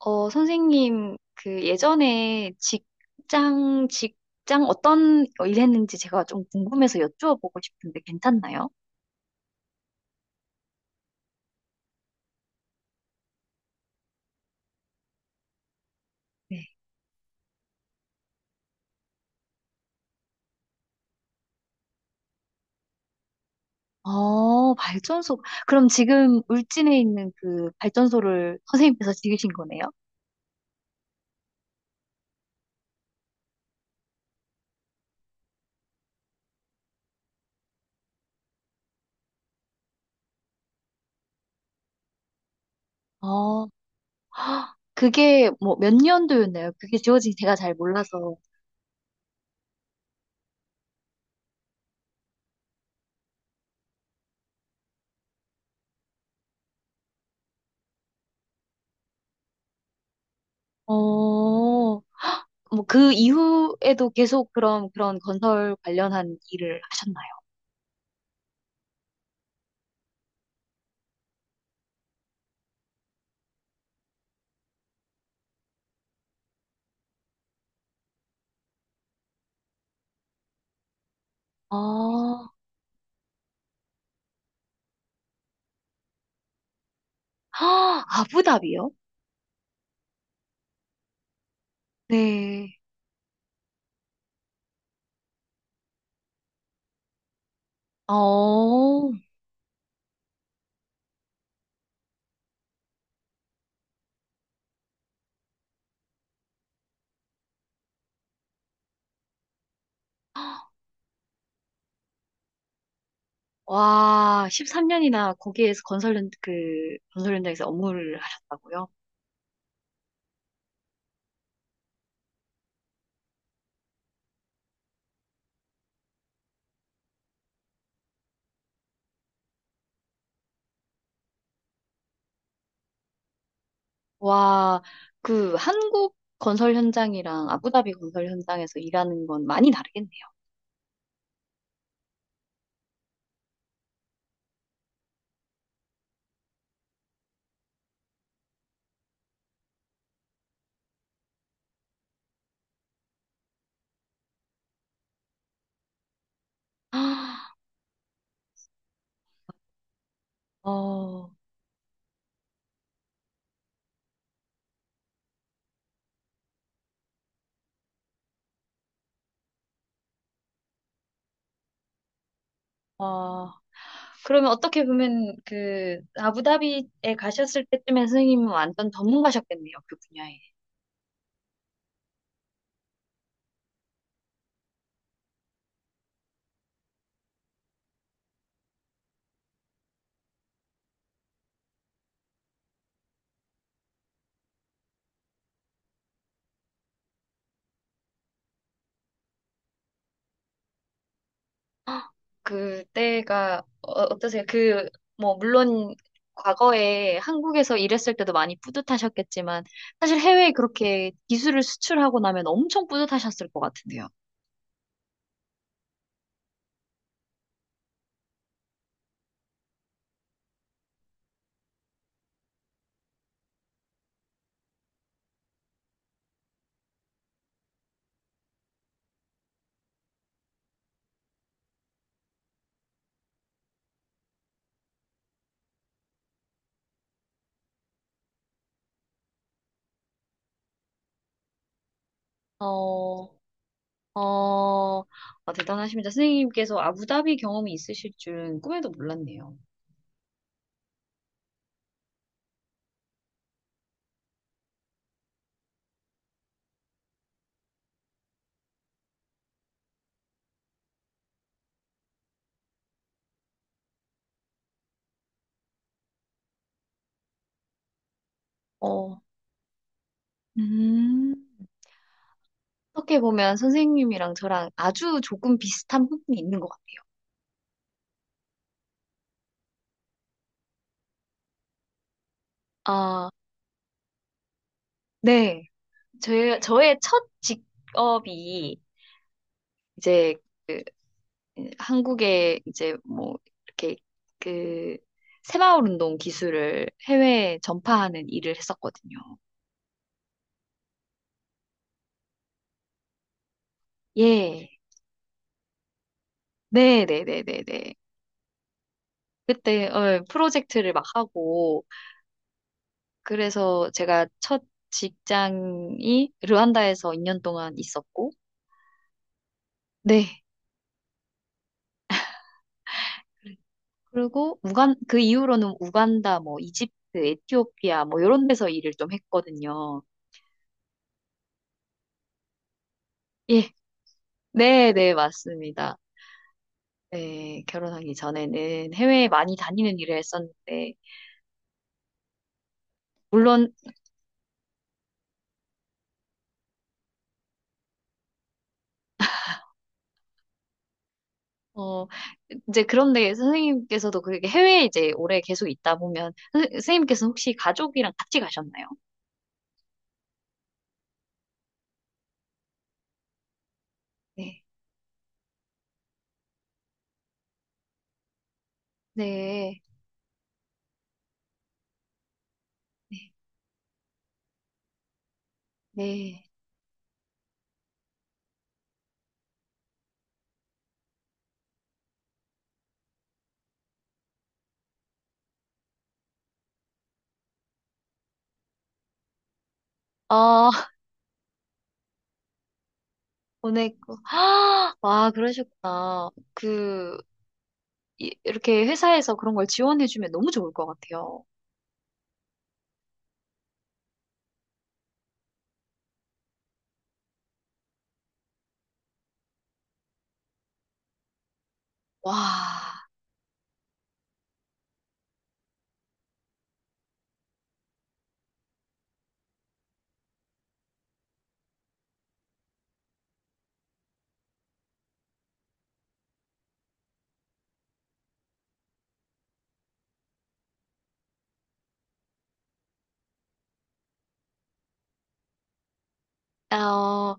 선생님, 그 예전에 직장, 직장 어떤 일 했는지 제가 좀 궁금해서 여쭈어보고 싶은데 괜찮나요? 네. 발전소. 그럼 지금 울진에 있는 그 발전소를 선생님께서 지으신 거네요? 어, 그게 뭐 몇 년도였나요? 그게 지어진 지 제가 잘 몰라서. 어, 뭐 그 이후에도 계속 그런, 그런 건설 관련한 일을 하셨나요? 어, 아부답이요? 네. 어, 와, 13년이나 거기에서 그, 건설 현장에서 업무를 하셨다고요? 와, 그, 한국 건설 현장이랑 아부다비 건설 현장에서 일하는 건 많이 다르겠네요. 아, 어, 어, 그러면 어떻게 보면 그, 아부다비에 가셨을 때쯤에 선생님은 완전 전문가셨겠네요, 그 분야에. 그때가 어떠세요? 그, 뭐, 물론 과거에 한국에서 일했을 때도 많이 뿌듯하셨겠지만, 사실 해외에 그렇게 기술을 수출하고 나면 엄청 뿌듯하셨을 것 같은데요. 어, 어, 아, 대단하십니다. 선생님께서 아부다비 경험이 있으실 줄은 꿈에도 몰랐네요. 어, 음. 어떻게 보면 선생님이랑 저랑 아주 조금 비슷한 부분이 있는 것 같아요. 아, 네. 저의 첫 직업이 이제 그 한국에 이제 뭐 이렇게 그 새마을 운동 기술을 해외에 전파하는 일을 했었거든요. 예. 네, 네, 네, 네, 네. 그때 프로젝트를 막 하고 그래서 제가 첫 직장이 르완다에서 2년 동안 있었고 네. 그리고 우간 그 이후로는 우간다 뭐 이집트, 에티오피아 뭐 이런 데서 일을 좀 했거든요. 예. 네, 네, 맞습니다. 네, 결혼하기 전에는 해외에 많이 다니는 일을 했었는데, 물론, 어, 이제 그런데 선생님께서도 그렇게 해외에 이제 오래 계속 있다 보면, 선생님께서 혹시 가족이랑 같이 가셨나요? 네, 네, 네, 네. 아, 보냈고. 와, 그러셨구나. 그, 이렇게 회사에서 그런 걸 지원해주면 너무 좋을 것 같아요. 와, 어,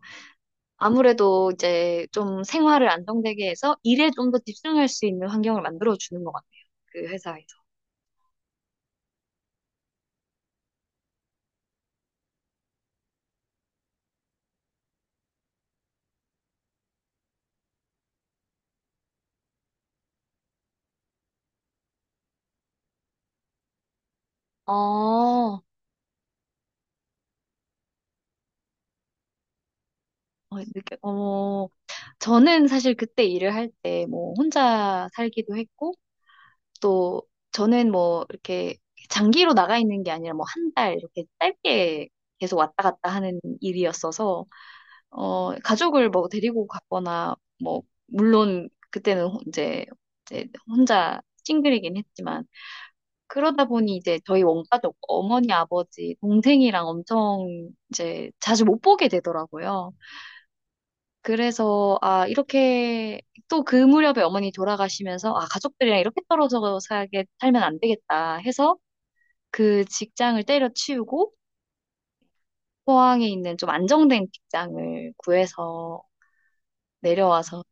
아무래도 이제 좀 생활을 안정되게 해서 일에 좀 더 집중할 수 있는 환경을 만들어주는 것 같아요. 그 회사에서. 어, 어, 이렇게, 어, 저는 사실 그때 일을 할 때 뭐 혼자 살기도 했고 또 저는 뭐 이렇게 장기로 나가 있는 게 아니라 뭐 한 달 이렇게 짧게 계속 왔다 갔다 하는 일이었어서 어 가족을 뭐 데리고 갔거나 뭐 물론 그때는 이제 이제 혼자 싱글이긴 했지만 그러다 보니 이제 저희 원가족 어머니, 아버지, 동생이랑 엄청 이제 자주 못 보게 되더라고요. 그래서 아, 이렇게 또 그 무렵에 어머니 돌아가시면서 아, 가족들이랑 이렇게 떨어져 살게 살면 안 되겠다 해서 그 직장을 때려치우고 포항에 있는 좀 안정된 직장을 구해서 내려와서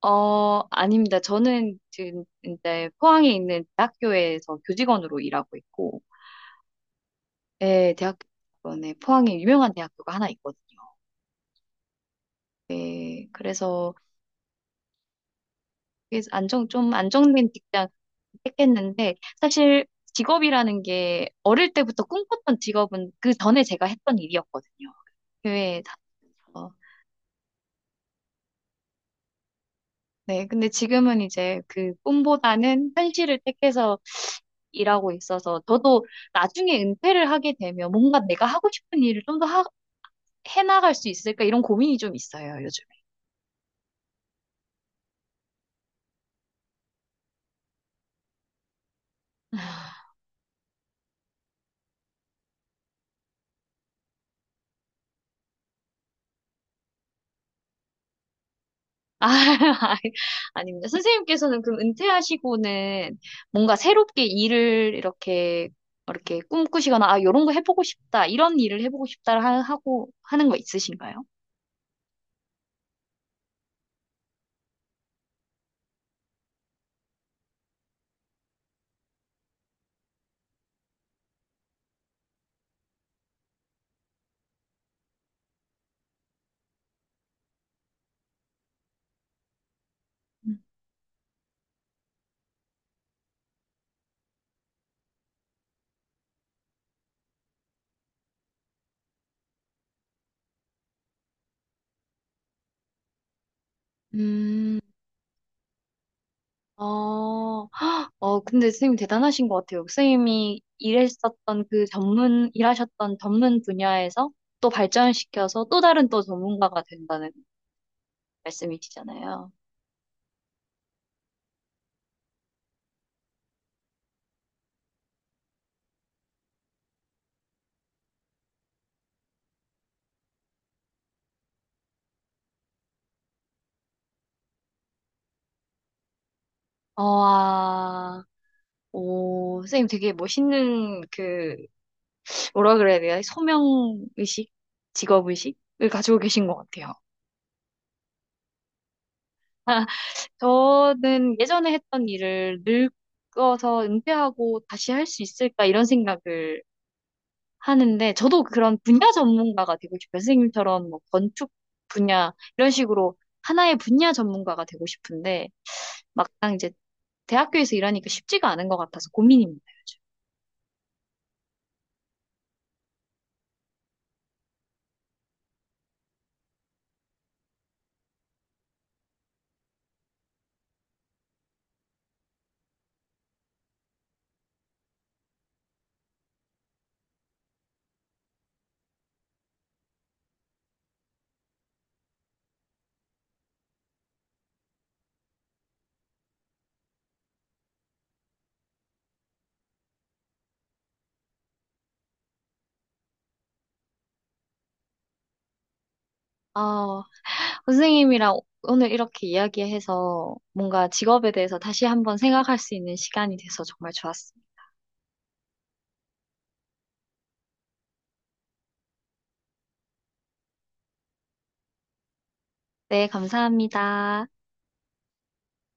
어, 아닙니다. 저는 지금 이제 포항에 있는 대학교에서 교직원으로 일하고 있고 예, 대학원에 포항에 유명한 대학교가 하나 있거든요. 예, 그래서 그게 안정 좀 안정된 직장 택했는데 사실 직업이라는 게 어릴 때부터 꿈꿨던 직업은 그 전에 제가 했던 일이었거든요. 교회에 다니면서. 네, 근데 지금은 이제 그 꿈보다는 현실을 택해서 일하고 있어서 저도 나중에 은퇴를 하게 되면 뭔가 내가 하고 싶은 일을 좀 더 해나갈 수 있을까 이런 고민이 좀 있어요, 요즘에. 아, 아닙니다 선생님께서는 그럼 은퇴하시고는 뭔가 새롭게 일을 이렇게, 이렇게 꿈꾸시거나, 아, 요런 거 해보고 싶다, 이런 일을 해보고 싶다 하고 하는 거 있으신가요? 음, 어, 헉, 어, 근데 선생님 대단하신 것 같아요. 선생님이 일했었던 일하셨던 전문 분야에서 또 발전시켜서 또 다른 또 전문가가 된다는 말씀이시잖아요. 어, 아, 오, 선생님 되게 멋있는 그 뭐라 그래야 되나? 소명의식? 직업의식을 가지고 계신 것 같아요. 저는 예전에 했던 일을 늙어서 은퇴하고 다시 할 수 있을까 이런 생각을 하는데 저도 그런 분야 전문가가 되고 싶어요. 선생님처럼 뭐 건축 분야 이런 식으로 하나의 분야 전문가가 되고 싶은데 막상 이제 대학교에서 일하니까 쉽지가 않은 것 같아서 고민입니다. 요즘. 아, 선생님이랑 오늘 이렇게 이야기해서 뭔가 직업에 대해서 다시 한번 생각할 수 있는 시간이 돼서 정말 좋았어요. 네, 감사합니다.